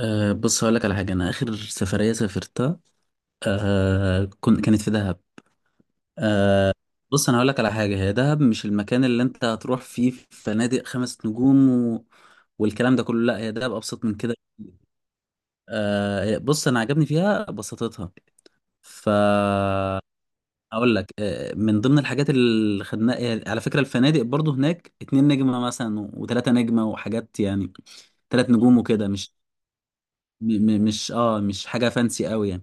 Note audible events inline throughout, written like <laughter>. بص، هقول لك على حاجة. أنا آخر سفرية سافرتها كانت في دهب. بص، أنا هقول لك على حاجة: هي دهب مش المكان اللي أنت هتروح فيه في فنادق 5 نجوم والكلام ده كله. لا، هي دهب أبسط من كده. بص، أنا عجبني فيها بساطتها. ف أقول لك، من ضمن الحاجات اللي خدناها على فكرة الفنادق برضو هناك 2 نجمة مثلا وتلاتة نجمة وحاجات، يعني 3 نجوم وكده، مش م- م- مش اه مش حاجة فانسي قوي يعني.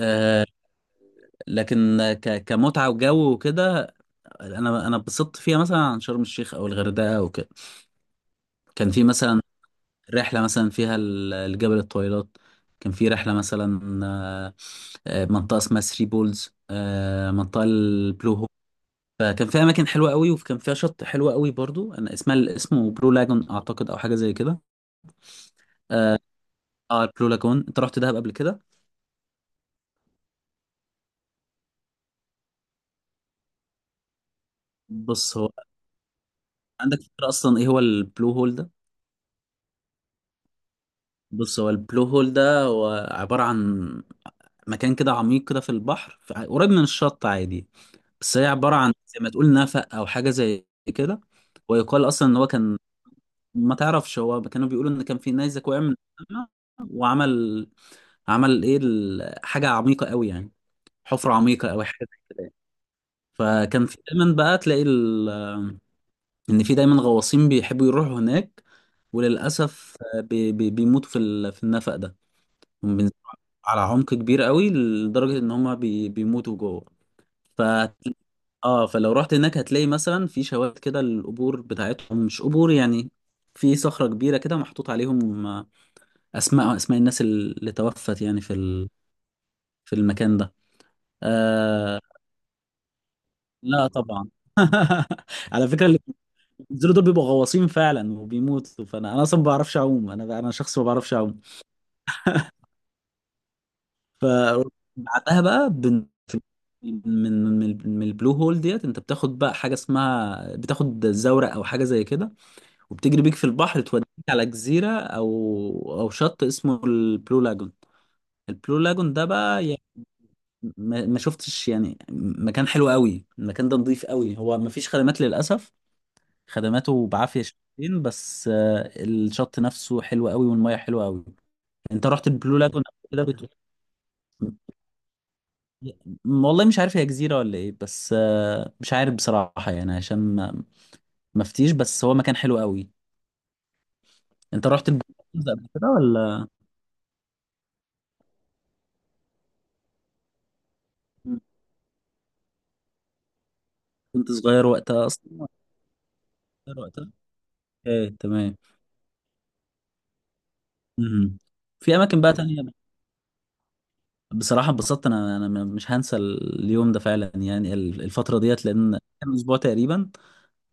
آه، لكن كمتعة وجو وكده، انا اتبسطت فيها مثلا عن شرم الشيخ او الغردقة وكده. كان في مثلا رحلة مثلا فيها الجبل الطويلات، كان في رحلة مثلا، منطقة اسمها ثري بولز، منطقة البلو هول. فكان فيها اماكن حلوة قوي وكان فيها شط حلو قوي برضو. اسمه بلو لاجون اعتقد او حاجة زي كده. اه البلو لاجون، انت رحت دهب قبل كده؟ بص، هو عندك فكرة اصلا ايه هو البلو هول ده؟ بص، هو البلو هول ده هو عبارة عن مكان كده عميق كده في البحر، قريب من الشط عادي، بس هي عبارة عن زي ما تقول نفق أو حاجة زي كده. ويقال أصلا إن هو كان، ما تعرفش، هو كانوا بيقولوا إن كان في نيزك وقع من السما وعمل حاجة عميقة قوي يعني، حفرة عميقة أو حاجة زي كده يعني. فكان في دايما بقى تلاقي إن في دايما غواصين بيحبوا يروحوا هناك، وللأسف بيموتوا في النفق ده. هم بينزلوا على عمق كبير قوي لدرجة إن هما بيموتوا جوه. ف اه فلو رحت هناك هتلاقي مثلا في شواهد كده، القبور بتاعتهم مش قبور يعني، في صخرة كبيرة كده محطوط عليهم اسماء الناس اللي توفت يعني في المكان ده. آه... لا طبعا. <laughs> على فكرة اللي بينزلوا دول بيبقوا غواصين فعلا وبيموتوا. فانا اصلا ما بعرفش اعوم، انا شخص ما بعرفش اعوم. ف بعدها بقى من البلو هول ديت انت بتاخد بقى حاجة اسمها، بتاخد زورق او حاجة زي كده، وبتجري بيك في البحر توديك على جزيرة أو شط اسمه البلو لاجون. البلو لاجون ده بقى، يعني ما شفتش يعني مكان حلو قوي. المكان ده نظيف قوي، هو ما فيش خدمات للأسف، خدماته بعافية شويتين، بس الشط نفسه حلو قوي والمية حلوة قوي. انت رحت البلو لاجون قبل كده؟ والله مش عارف هي جزيرة ولا ايه. بس مش عارف بصراحة يعني، عشان ما فتيش، بس هو مكان حلو قوي. انت رحت البلو لاجون ده قبل كده ولا كنت صغير وقتها اصلا؟ اختار وقتها. ايه، تمام. مهم. في اماكن بقى تانية بصراحة اتبسطت. انا مش هنسى اليوم ده فعلا يعني، الفترة ديت، لان كان اسبوع تقريبا.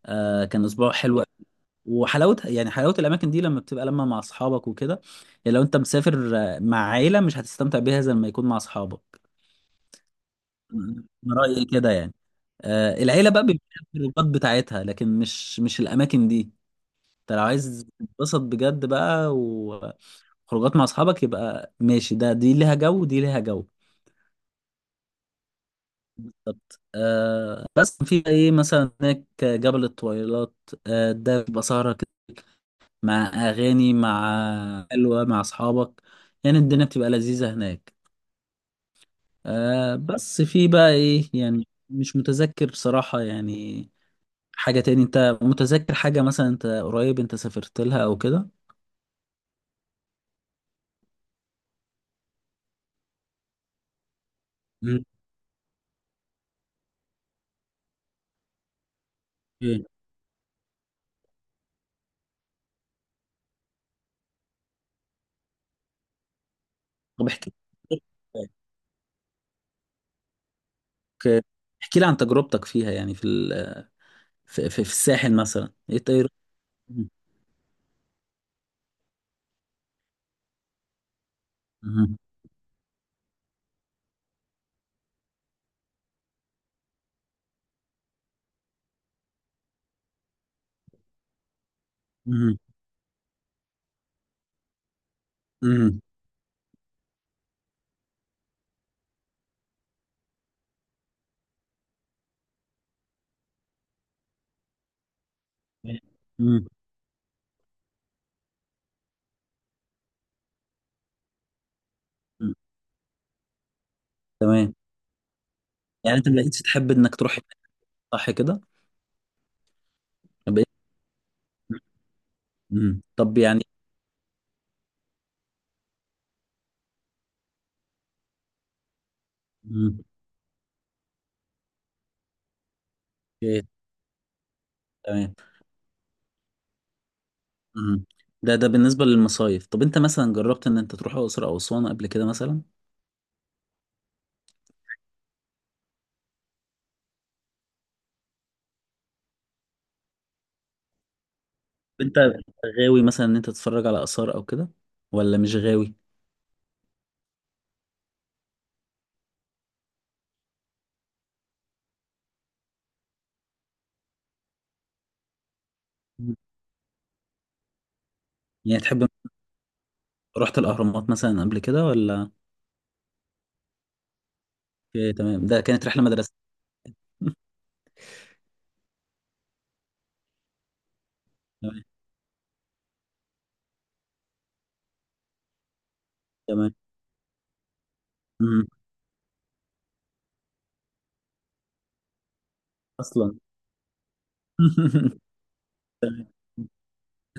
كان اسبوع حلو. وحلاوة يعني، حلاوة الاماكن دي لما بتبقى لما مع اصحابك وكده. يعني لو انت مسافر مع عيلة، مش هتستمتع بيها زي لما يكون مع اصحابك. من رأيي كده يعني. العيلة بقى بيبقى لها الخروجات بتاعتها، لكن مش الاماكن دي. انت لو عايز تتبسط بجد بقى، خروجات مع اصحابك يبقى ماشي. ده دي ليها جو ودي ليها جو. بالظبط. بس في بقى ايه، مثلا هناك جبل الطويلات، ده بيبقى سهرة كده مع اغاني، مع حلوة، مع اصحابك، يعني الدنيا بتبقى لذيذة هناك. بس في بقى ايه يعني، مش متذكر بصراحة يعني. حاجة تاني انت متذكر حاجة مثلا، انت قريب انت سافرت لها او كده؟ مم. اوكي. طب احكي. اوكي. احكي لي عن تجربتك فيها يعني في ال- في, في, في الساحل مثلا، ايه الطير. مم. مم. مم. مم. مم. مم. تمام، يعني انت ما بقيتش تحب انك تروح هناك، صح كده؟ ما بقيت. مم. طب يعني. مم. اوكي. تمام. مم. ده بالنسبة للمصايف. طب انت مثلا جربت ان انت تروح الاقصر او اسوان قبل كده مثلا؟ انت غاوي مثلا ان انت تتفرج على اثار او كده، ولا مش غاوي؟ مم. يعني تحب. رحت الاهرامات مثلا قبل كده ولا؟ اوكي، تمام. ده كانت رحلة مدرسة؟ <laughs> تمام. تمام. مم. اصلا. <laughs>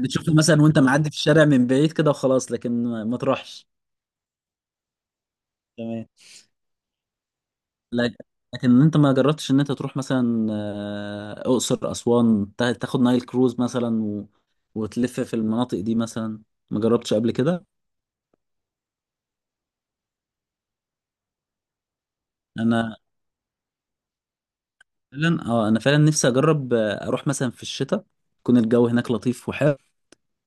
بتشوفه مثلا وانت معدي في الشارع من بعيد كده وخلاص، لكن ما تروحش. تمام. لك- لكن انت ما جربتش ان انت تروح مثلا، اقصر اسوان، تاخد نايل كروز مثلا وتلف في المناطق دي مثلا؟ ما جربتش قبل كده؟ انا انا فعلا نفسي اجرب، اروح مثلا في الشتاء يكون الجو هناك لطيف وحلو.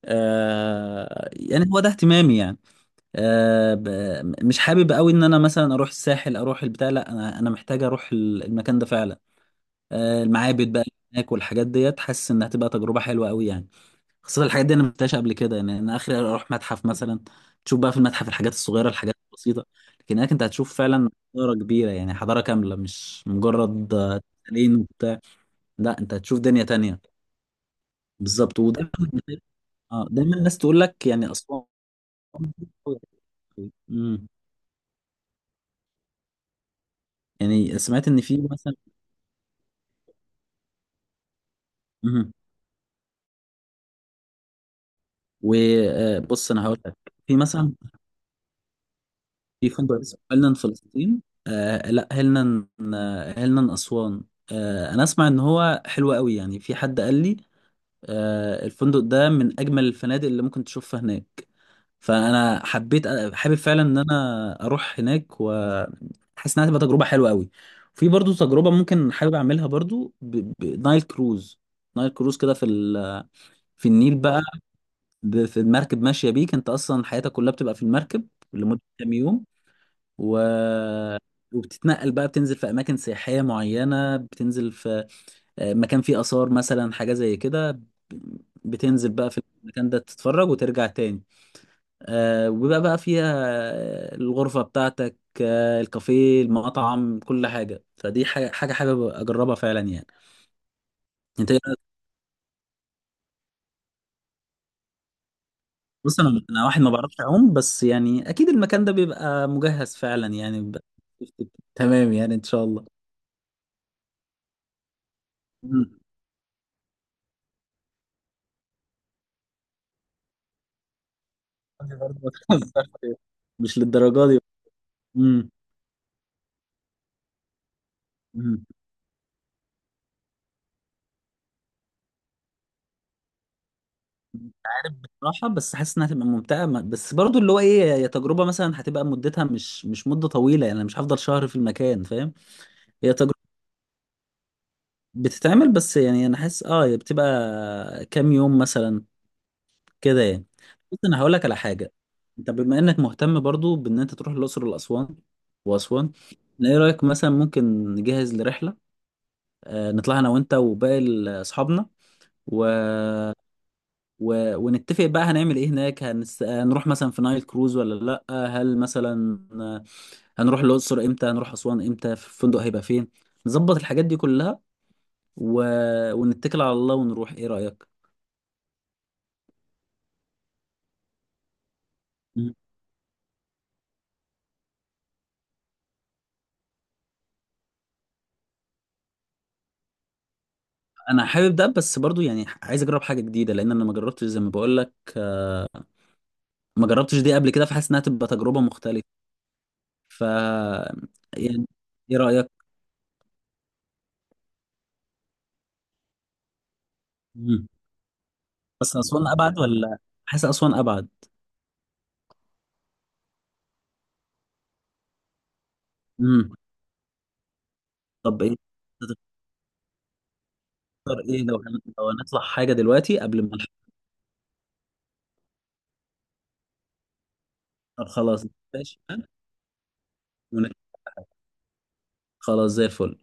يعني هو ده اهتمامي يعني. آه ب... مش حابب قوي ان انا مثلا اروح الساحل، اروح البتاع. لا، انا محتاج اروح المكان ده فعلا. المعابد بقى هناك والحاجات ديت، حاسس انها تبقى تجربه حلوه قوي يعني، خاصه الحاجات دي انا ما شفتهاش قبل كده يعني. انا اخري اروح متحف مثلا، تشوف بقى في المتحف الحاجات الصغيره، الحاجات البسيطه، لكن هناك انت هتشوف فعلا حضاره كبيره، يعني حضاره كامله، مش مجرد تمثالين وبتاع. لا، انت هتشوف دنيا تانية. بالظبط. ودايما اه دايما الناس تقول لك يعني اسوان. امم يعني سمعت ان في مثلا. امم وبص، انا هقول لك، في مثلا في فندق اسمه هيلنان فلسطين. لا، هيلنان. هيلنان أسوان. أنا أسمع إن هو حلو قوي يعني. في حد قال لي، الفندق ده من أجمل الفنادق اللي ممكن تشوفها هناك. فأنا حابب فعلا إن أنا أروح هناك، وحاسس إنها هتبقى تجربة حلوة قوي. في برضو تجربة ممكن حابب أعملها برضو، بنايل كروز. نايل كروز كده في النيل بقى، في المركب ماشية بيك، أنت أصلا حياتك كلها بتبقى في المركب لمدة كام يوم، و وبتتنقل بقى، بتنزل في اماكن سياحيه معينه، بتنزل في مكان فيه اثار مثلا، حاجه زي كده. بتنزل بقى في المكان ده، تتفرج وترجع تاني. وبيبقى بقى فيها الغرفه بتاعتك، الكافيه، المطعم، كل حاجه. فدي حاجه حابب اجربها فعلا يعني. انت إيه رأيك؟ بص، أنا واحد ما بعرفش اعوم، بس يعني اكيد المكان ده بيبقى مجهز فعلا، يعني بيبقى. <laughs> تمام يعني، ان شاء الله. دي برضه ما تهزرش. مش للدرجه دي. امم. امم صراحه بس حاسس انها هتبقى ممتعه. بس برضه اللي هو ايه، هي تجربه مثلا هتبقى مدتها مش مده طويله يعني، أنا مش هفضل شهر في المكان فاهم. هي تجربه بتتعمل، بس يعني انا حاسس هي بتبقى كام يوم مثلا كده يعني. بس انا هقول لك على حاجه: انت بما انك مهتم برضه بان انت تروح الاقصر واسوان، ايه رايك مثلا ممكن نجهز لرحله؟ نطلع انا وانت وباقي اصحابنا، ونتفق بقى هنعمل ايه هناك. هنروح مثلا في نايل كروز ولا لا هل مثلا هنروح الاقصر امتى، هنروح اسوان امتى، في الفندق هيبقى فين، نظبط الحاجات دي كلها و... ونتكل على الله ونروح. ايه رأيك؟ مم. انا حابب ده، بس برضو يعني عايز اجرب حاجه جديده، لان انا ما جربتش زي ما بقول لك، ما جربتش دي قبل كده، فحاسس انها تبقى تجربه مختلفه. ف يعني ايه رايك؟ مم. بس اسوان ابعد، ولا حاسس اسوان ابعد؟ امم طب ايه نختار، ايه لو لو هنطلع حاجه دلوقتي قبل ما نختار؟ خلاص، ماشي. ونختار. خلاص، زي الفل.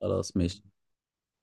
خلاص، ماشي.